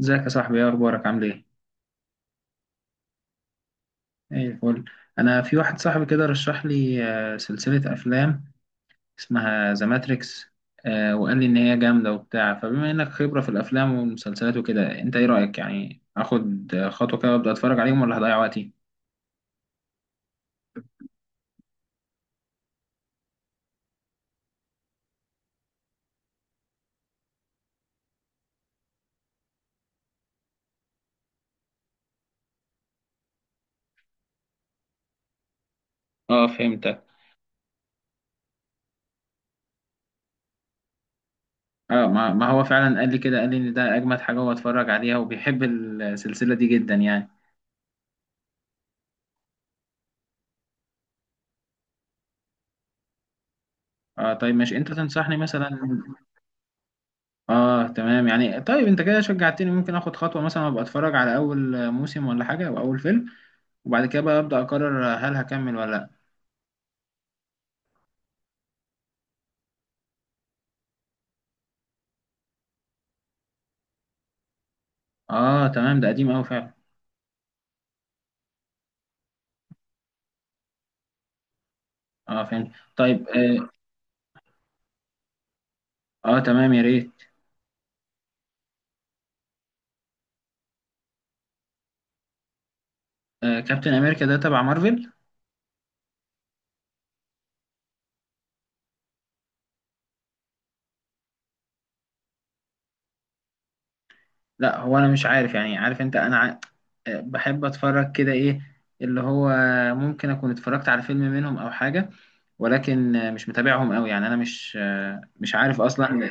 ازيك يا صاحبي؟ ايه اخبارك؟ عامل ايه؟ ايه الفل؟ انا في واحد صاحبي كده رشح لي سلسلة افلام، اسمها ذا ماتريكس، وقال لي ان هي جامدة وبتاع. فبما انك خبرة في الافلام والمسلسلات وكده، انت ايه رأيك يعني اخد خطوة كده وابدا اتفرج عليهم ولا هضيع وقتي؟ اه فهمتك. اه ما هو فعلا قال لي كده، قال لي ان ده اجمد حاجة هو اتفرج عليها، وبيحب السلسلة دي جدا يعني. اه طيب ماشي، انت تنصحني مثلا؟ اه تمام يعني. طيب انت كده شجعتني، ممكن اخد خطوة مثلا ابقى اتفرج على اول موسم ولا حاجة او اول فيلم، وبعد كده بقى ابدا اقرر هل هكمل ولا لا. اه تمام ده قديم قوي فعلا. اه فهمت. طيب آه تمام يا ريت. آه كابتن امريكا ده تبع مارفل؟ لا هو انا مش عارف يعني. عارف انت، انا آه بحب اتفرج كده ايه اللي هو، ممكن اكون اتفرجت على فيلم منهم او حاجة، ولكن مش متابعهم قوي يعني. انا مش عارف اصلا.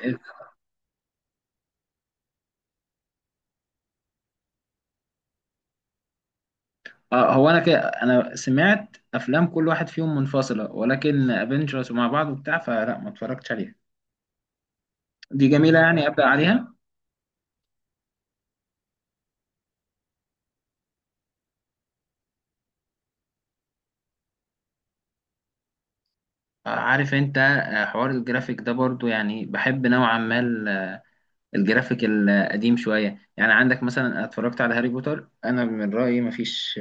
اه هو انا كده، انا سمعت افلام كل واحد فيهم منفصله، ولكن افنجرز ومع بعض وبتاع فلا ما اتفرجتش عليها. دي جميله يعني ابدا عليها؟ عارف انت، حوار الجرافيك ده برضو يعني بحب نوعا ما الجرافيك القديم شويه. يعني عندك مثلا أنا اتفرجت على هاري بوتر، انا من رايي ما فيش،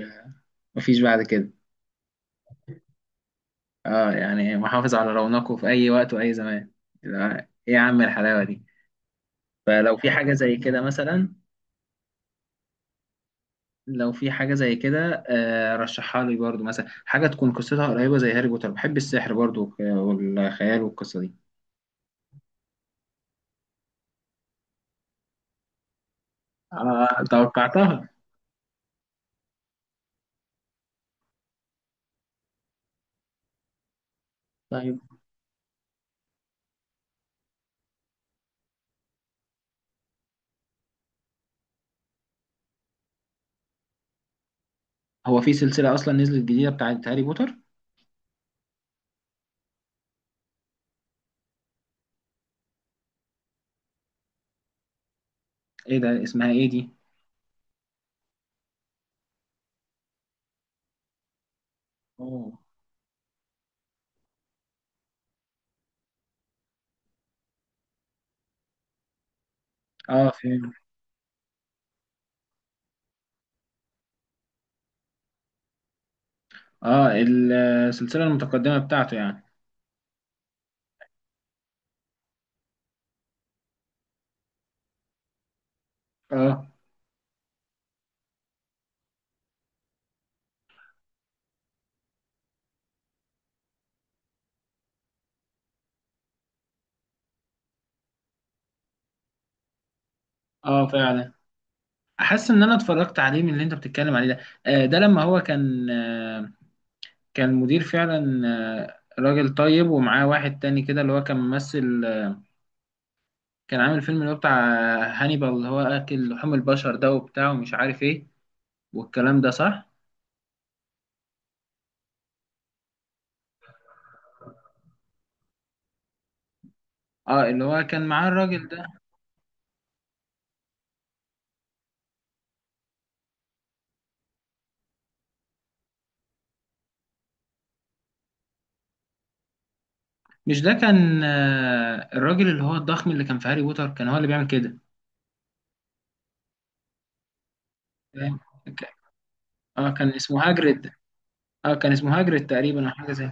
ما فيش بعد كده. اه يعني محافظ على رونقه في اي وقت واي زمان. لا، ايه يا عم الحلاوه دي. فلو في حاجه زي كده مثلا، لو في حاجة زي كده رشحها لي برضو، مثلا حاجة تكون قصتها قريبة زي هاري بوتر. بحب السحر برضو والخيال والقصة دي. آه، توقعتها. طيب هو في سلسلة أصلا نزلت جديدة بتاعت هاري بوتر؟ إيه ده، اسمها إيه دي؟ أوه. آه فين؟ آه. السلسلة المتقدمة بتاعته يعني؟ آه. آه فعلا، أحس إن أنا اتفرجت عليه، من اللي أنت بتتكلم عليه ده. آه ده لما هو كان كان مدير فعلا، راجل طيب، ومعاه واحد تاني كده اللي هو كان ممثل، كان عامل فيلم اللي هو بتاع هانيبال اللي هو اكل لحوم البشر ده وبتاع ومش عارف ايه، والكلام ده، صح؟ اه اللي هو كان معاه الراجل ده. مش ده كان الراجل اللي هو الضخم اللي كان في هاري بوتر كان هو اللي بيعمل كده؟ فاهم؟ ك- اه كان اسمه هاجريد. اه كان اسمه هاجريد تقريبا او حاجه زي.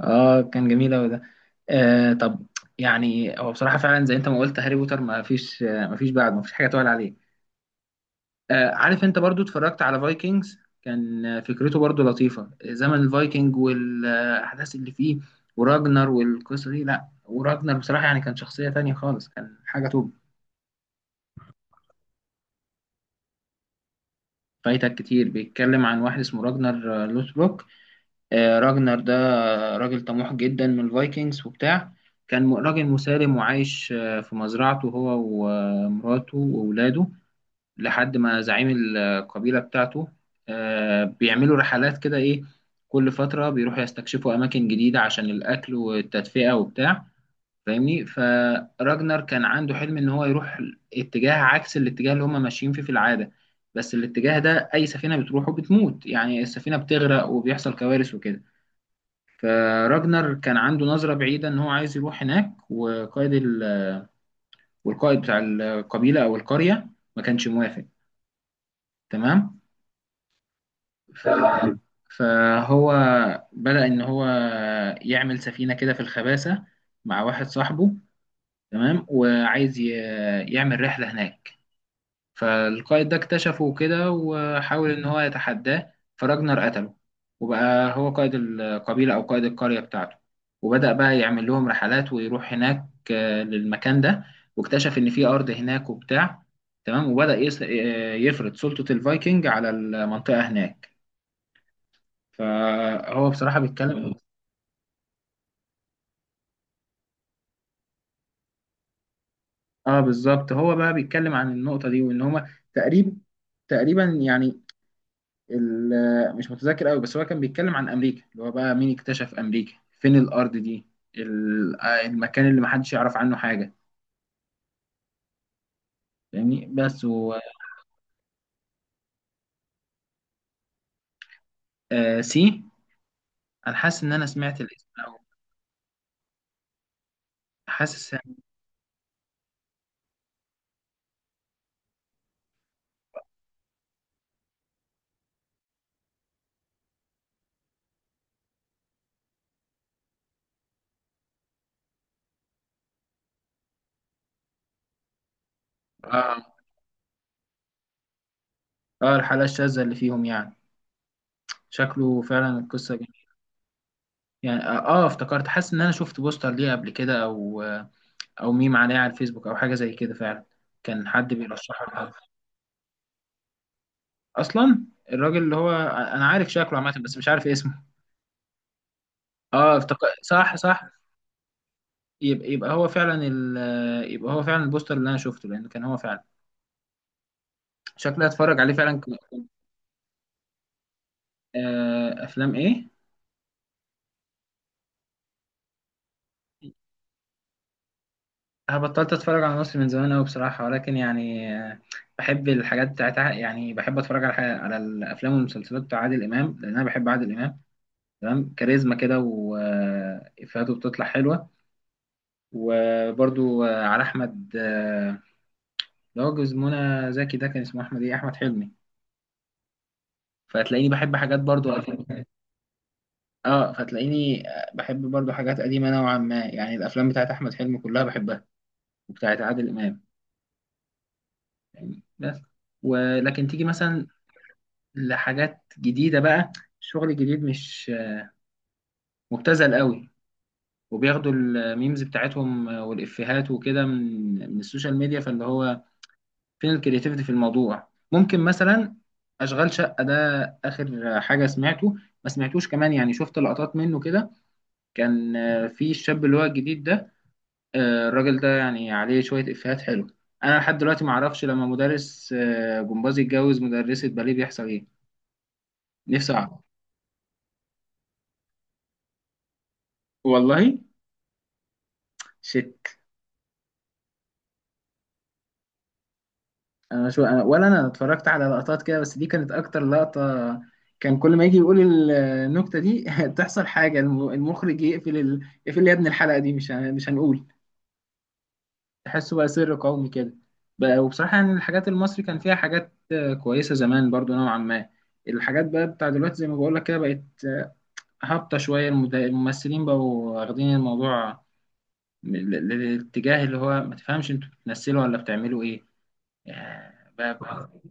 اه كان جميل اوي ده. آه طب، يعني هو بصراحه فعلا زي انت ما قلت، هاري بوتر ما فيش، ما فيش بعد، ما فيش حاجه تقول عليه. عارف انت، برضو اتفرجت على فايكنجز، كان فكرته برضو لطيفة، زمن الفايكنج والأحداث اللي فيه وراجنر والقصة دي. لا وراجنر بصراحة يعني، كان شخصية تانية خالص، كان حاجة توب. فايتك كتير بيتكلم عن واحد اسمه راجنر لوثبروك. راجنر ده راجل طموح جدا من الفايكنجز وبتاع. كان راجل مسالم وعايش في مزرعته هو ومراته وأولاده، لحد ما زعيم القبيلة بتاعته بيعملوا رحلات كده. إيه، كل فترة بيروحوا يستكشفوا أماكن جديدة عشان الأكل والتدفئة وبتاع، فاهمني؟ فراجنر كان عنده حلم إن هو يروح اتجاه عكس الاتجاه اللي هما ماشيين فيه في العادة. بس الاتجاه ده أي سفينة بتروحه بتموت، يعني السفينة بتغرق وبيحصل كوارث وكده. فراجنر كان عنده نظرة بعيدة إن هو عايز يروح هناك، وقائد والقائد بتاع القبيلة أو القرية ما كانش موافق. تمام. ف... فهو بدأ إن هو يعمل سفينة كده في الخباسة مع واحد صاحبه، تمام، وعايز يعمل رحلة هناك. فالقائد ده اكتشفه كده وحاول إن هو يتحداه، فراجنر قتله، وبقى هو قائد القبيلة أو قائد القرية بتاعته، وبدأ بقى يعمل لهم رحلات ويروح هناك للمكان ده، واكتشف إن في أرض هناك وبتاع. تمام، وبدأ يس... آه، يفرض سلطة الفايكنج على المنطقة هناك. فهو بصراحة بيتكلم. اه بالظبط، هو بقى بيتكلم عن النقطة دي، وان هما تقريبا، تقريبا يعني، مش متذكر قوي، بس هو كان بيتكلم عن امريكا، اللي هو بقى مين اكتشف امريكا، فين الارض دي، المكان اللي محدش يعرف عنه حاجة، فاهمني؟ بس و سي. انا حاسس ان انا سمعت الاسم، او حاسس إن- اه اه الحلقة الشاذة اللي فيهم يعني. شكله فعلا القصة جميلة. يعني افتكرت، حاسس ان انا شفت بوستر ليه قبل كده، او او ميم عليها على الفيسبوك او حاجه زي كده فعلا، كان حد بيرشحه لحد. اصلا الراجل اللي هو انا عارف شكله عامه بس مش عارف اسمه. اه افتك... صح، صح. يبقى هو فعلا يبقى هو فعلا البوستر اللي انا شفته، لان كان هو فعلا. شكلي هتفرج عليه فعلا افلام ايه؟ أنا بطلت اتفرج على مصر من زمان قوي بصراحه، ولكن يعني بحب الحاجات بتاعتها، يعني بحب اتفرج على حاجة، على الافلام والمسلسلات بتاع عادل امام، لان انا بحب عادل امام. تمام، كاريزما كده وافيهاته بتطلع حلوه. وبرضو على احمد اللي هو جوز منى زكي ده، كان اسمه احمد ايه، احمد حلمي. فهتلاقيني بحب حاجات برضو قديمة. اه فتلاقيني بحب برضو حاجات قديمه نوعا ما، يعني الافلام بتاعت احمد حلمي كلها بحبها، وبتاعت عادل امام يعني بس. ولكن تيجي مثلا لحاجات جديده بقى، الشغل الجديد مش مبتذل قوي، وبياخدوا الميمز بتاعتهم والافيهات وكده من السوشيال ميديا، فاللي هو فين الكرياتيفيتي في الموضوع؟ ممكن مثلا اشغال شقه ده، اخر حاجه سمعته، ما سمعتوش كمان يعني، شفت لقطات منه كده. كان في الشاب اللي هو الجديد ده، الراجل ده يعني عليه شويه افيهات حلو. انا لحد دلوقتي ما اعرفش، لما مدرس جمباز يتجوز مدرسه باليه بيحصل ايه. نفسي اعرف. والله. شت. انا شو أنا ولا انا اتفرجت على لقطات كده، بس دي كانت اكتر لقطة، كان كل ما يجي يقول النكتة دي تحصل حاجة، المخرج يقفل يقفل يا ابني الحلقة دي، مش هنقول، تحسه بقى سر قومي كده. بقى وبصراحة يعني، الحاجات المصري كان فيها حاجات كويسة زمان برضو نوعا ما. الحاجات بقى بتاع دلوقتي زي ما بقول لك كده، بقت هابطة شوية. الممثلين بقوا واخدين الموضوع للاتجاه اللي هو ما تفهمش انتوا بتمثلوا ولا بتعملوا ايه. آه، بقى بقى-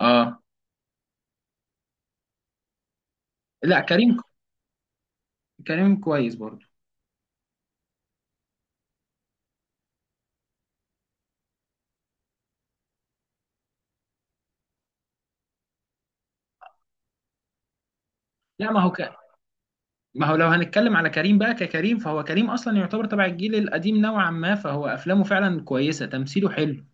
اه. لا كريم، كريم كويس برضو. لا ما هو ما هو لو هنتكلم على كريم بقى، ككريم فهو كريم اصلا يعتبر تبع الجيل القديم نوعا ما، فهو افلامه فعلا كويسه، تمثيله حلو،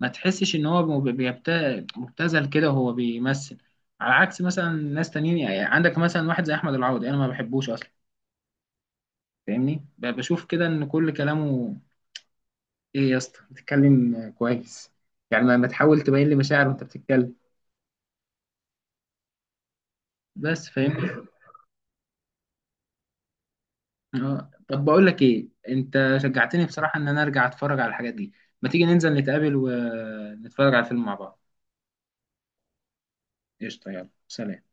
ما تحسش ان هو مبتذل كده وهو بيمثل. على عكس مثلا ناس تانيين، يعني عندك مثلا واحد زي احمد العوضي، انا ما بحبوش اصلا، فاهمني؟ بشوف كده ان كل كلامه، ايه يا اسطى بتتكلم كويس؟ يعني ما تحاول تبين لي مشاعر وانت بتتكلم، بس فاهمني. اه طب بقول لك ايه، انت شجعتني بصراحة ان انا ارجع اتفرج على الحاجات دي. ما تيجي ننزل نتقابل ونتفرج على الفيلم مع بعض. قشطة، يلا سلام.